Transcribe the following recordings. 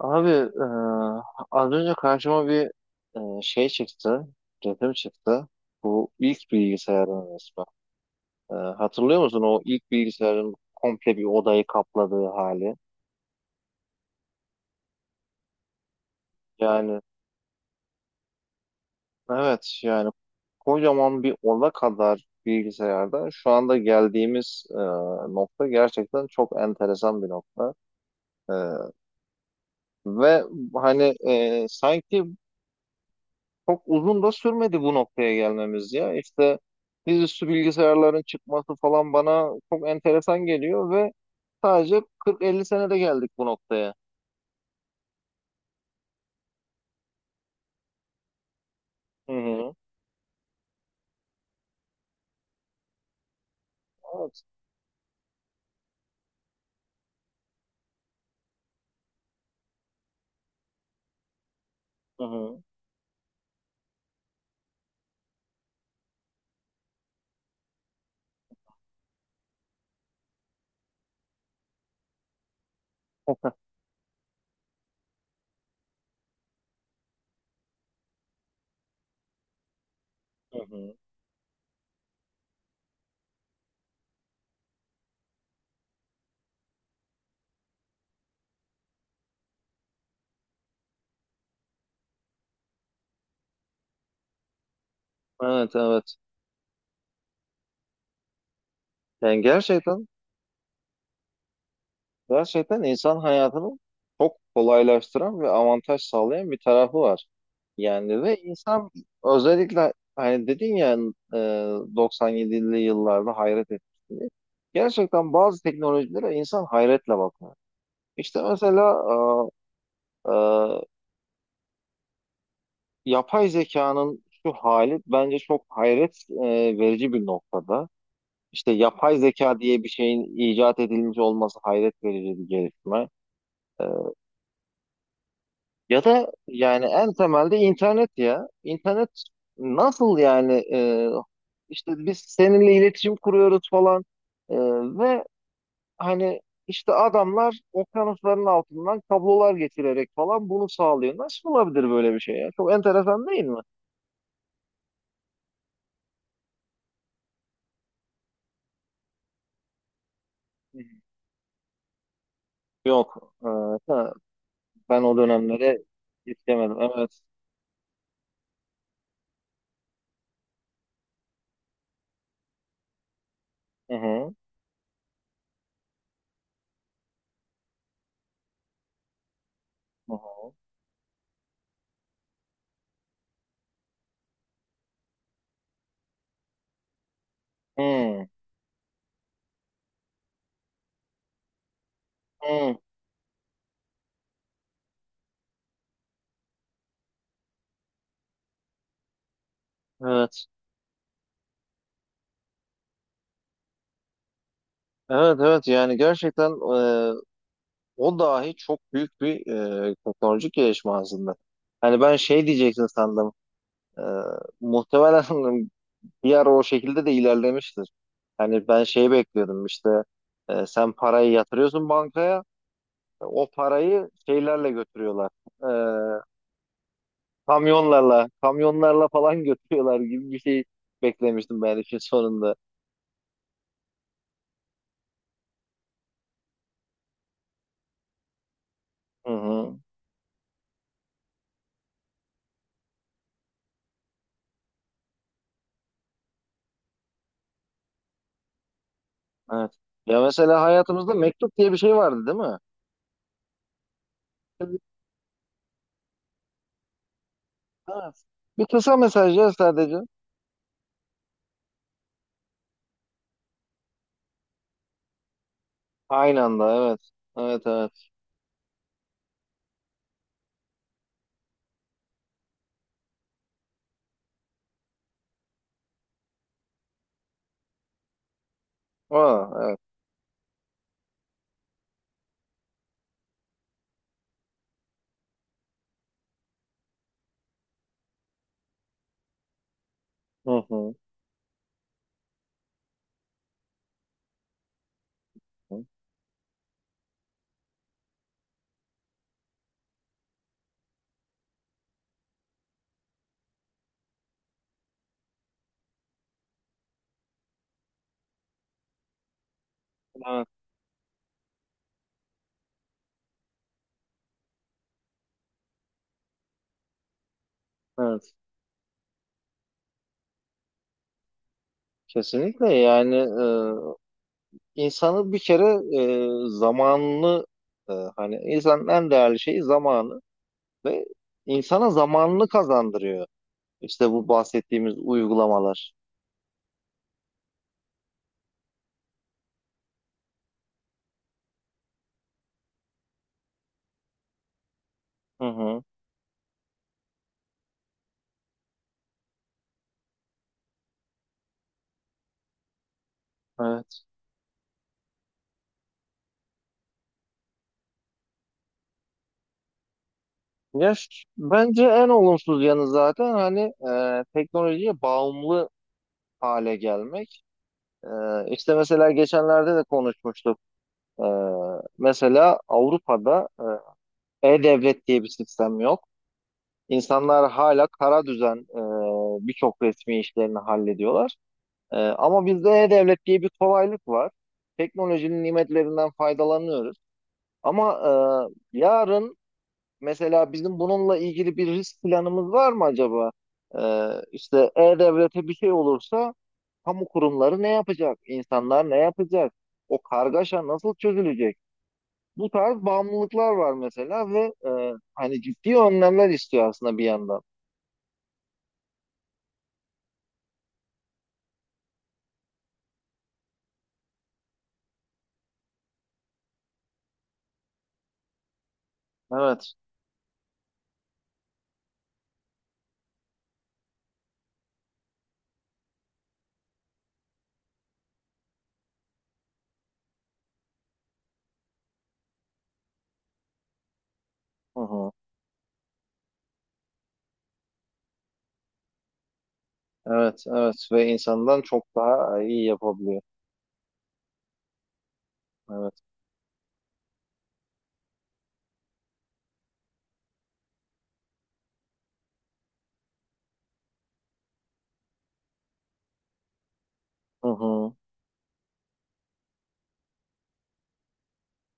Abi e, Az önce karşıma bir şey çıktı, resim çıktı. Bu ilk bilgisayarın resmi. Hatırlıyor musun o ilk bilgisayarın komple bir odayı kapladığı hali? Yani evet, kocaman bir oda kadar bilgisayarda şu anda geldiğimiz nokta gerçekten çok enteresan bir nokta. E, ve hani sanki çok uzun da sürmedi bu noktaya gelmemiz ya. İşte dizüstü bilgisayarların çıkması falan bana çok enteresan geliyor ve sadece 40-50 senede geldik bu noktaya. Hı hı. Evet. Hı hı. Hı hı. Evet, evet. Yani gerçekten, insan hayatını çok kolaylaştıran ve avantaj sağlayan bir tarafı var. Yani ve insan özellikle hani dedin ya, e, 97'li yıllarda hayret etmişti diye. Gerçekten bazı teknolojilere insan hayretle bakıyor. İşte mesela e, e, yapay zekanın şu hali bence çok hayret verici bir noktada. İşte yapay zeka diye bir şeyin icat edilmiş olması hayret verici bir gelişme. E, Ya da yani en temelde internet ya. İnternet nasıl yani, işte biz seninle iletişim kuruyoruz falan. E, ve hani işte adamlar okyanusların altından kablolar geçirerek falan bunu sağlıyor. Nasıl olabilir böyle bir şey ya? Çok enteresan değil mi? Hı hı. Yok. Ha, Ben o dönemlere istemedim. Evet. Hı hı. Hı hı. Hı, hı. Evet. Evet, evet yani gerçekten, e, o dahi çok büyük bir teknolojik gelişme aslında. Hani ben şey diyeceksin sandım. E, Muhtemelen bir ara o şekilde de ilerlemiştir. Hani ben şeyi bekliyordum, işte sen parayı yatırıyorsun bankaya, o parayı şeylerle götürüyorlar. E, Kamyonlarla, kamyonlarla falan götürüyorlar gibi bir şey beklemiştim ben işin sonunda. Hı hı. Evet. Ya mesela hayatımızda mektup diye bir şey vardı değil mi? Evet. Bir kısa mesaj ya sadece. Aynı anda, evet. Evet, evet. Aa, evet. Hı hı. Hı. Evet. Evet. Kesinlikle yani, insanı bir kere zamanını, hani insanın en değerli şeyi zamanı ve insana zamanını kazandırıyor. İşte bu bahsettiğimiz uygulamalar. Hı hı. Evet. Bence en olumsuz yanı zaten hani teknolojiye bağımlı hale gelmek. E, işte mesela geçenlerde de konuşmuştuk. Ee, Mesela Avrupa'da e-devlet diye bir sistem yok. İnsanlar hala kara düzen, birçok resmi işlerini hallediyorlar. Ama bizde e-devlet diye bir kolaylık var. Teknolojinin nimetlerinden faydalanıyoruz. Ama yarın mesela bizim bununla ilgili bir risk planımız var mı acaba? İşte e-devlete bir şey olursa kamu kurumları ne yapacak? İnsanlar ne yapacak? O kargaşa nasıl çözülecek? Bu tarz bağımlılıklar var mesela ve hani ciddi önlemler istiyor aslında bir yandan. Evet. Hı hı. Evet, evet ve insandan çok daha iyi yapabiliyor. Evet. Hı hı.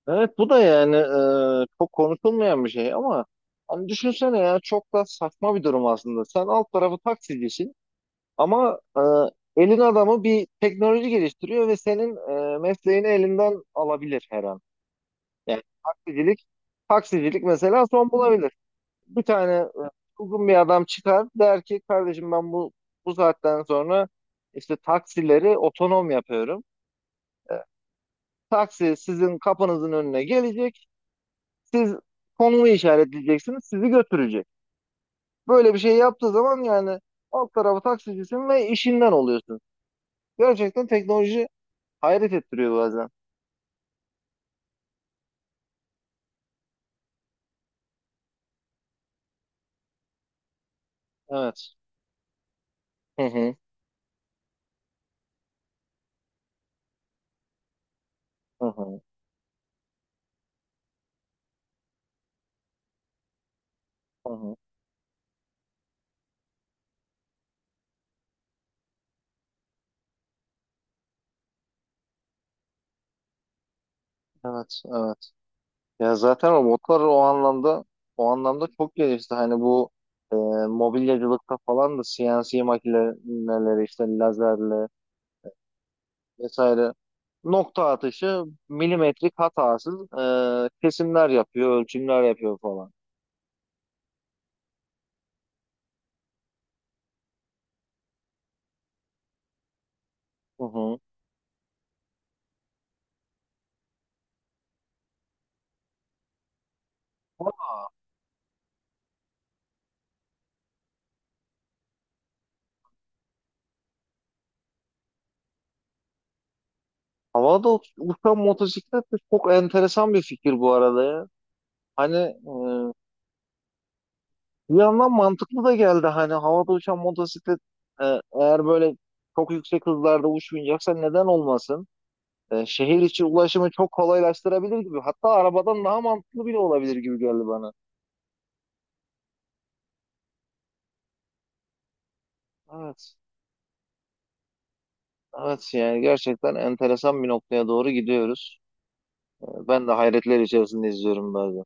Evet, bu da yani çok konuşulmayan bir şey ama hani düşünsene ya, çok da saçma bir durum aslında. Sen alt tarafı taksicisin ama elin adamı bir teknoloji geliştiriyor ve senin mesleğini elinden alabilir her an. Yani taksicilik mesela son bulabilir. Bir tane uygun bir adam çıkar, der ki kardeşim ben bu saatten sonra işte taksileri otonom yapıyorum. E, Taksi sizin kapınızın önüne gelecek. Siz konumu işaretleyeceksiniz. Sizi götürecek. Böyle bir şey yaptığı zaman yani alt tarafı taksicisin ve işinden oluyorsun. Gerçekten teknoloji hayret ettiriyor bazen. Evet. Hı hı. Hı hı. Hı hı. Evet. Evet. Ya zaten robotlar o anlamda çok gelişti. Hani bu e, mobilyacılıkta falan da CNC makineleri işte lazerle vesaire nokta atışı milimetrik hatasız kesimler yapıyor, ölçümler yapıyor falan. Hı hı. Uçan motosiklet de çok enteresan bir fikir bu arada ya. Hani bir yandan mantıklı da geldi. Hani havada uçan motosiklet, e, eğer böyle çok yüksek hızlarda uçmayacaksa neden olmasın? Şehir içi ulaşımı çok kolaylaştırabilir gibi. Hatta arabadan daha mantıklı bile olabilir gibi geldi bana. Evet. Evet yani gerçekten enteresan bir noktaya doğru gidiyoruz. Ben de hayretler içerisinde izliyorum bazen.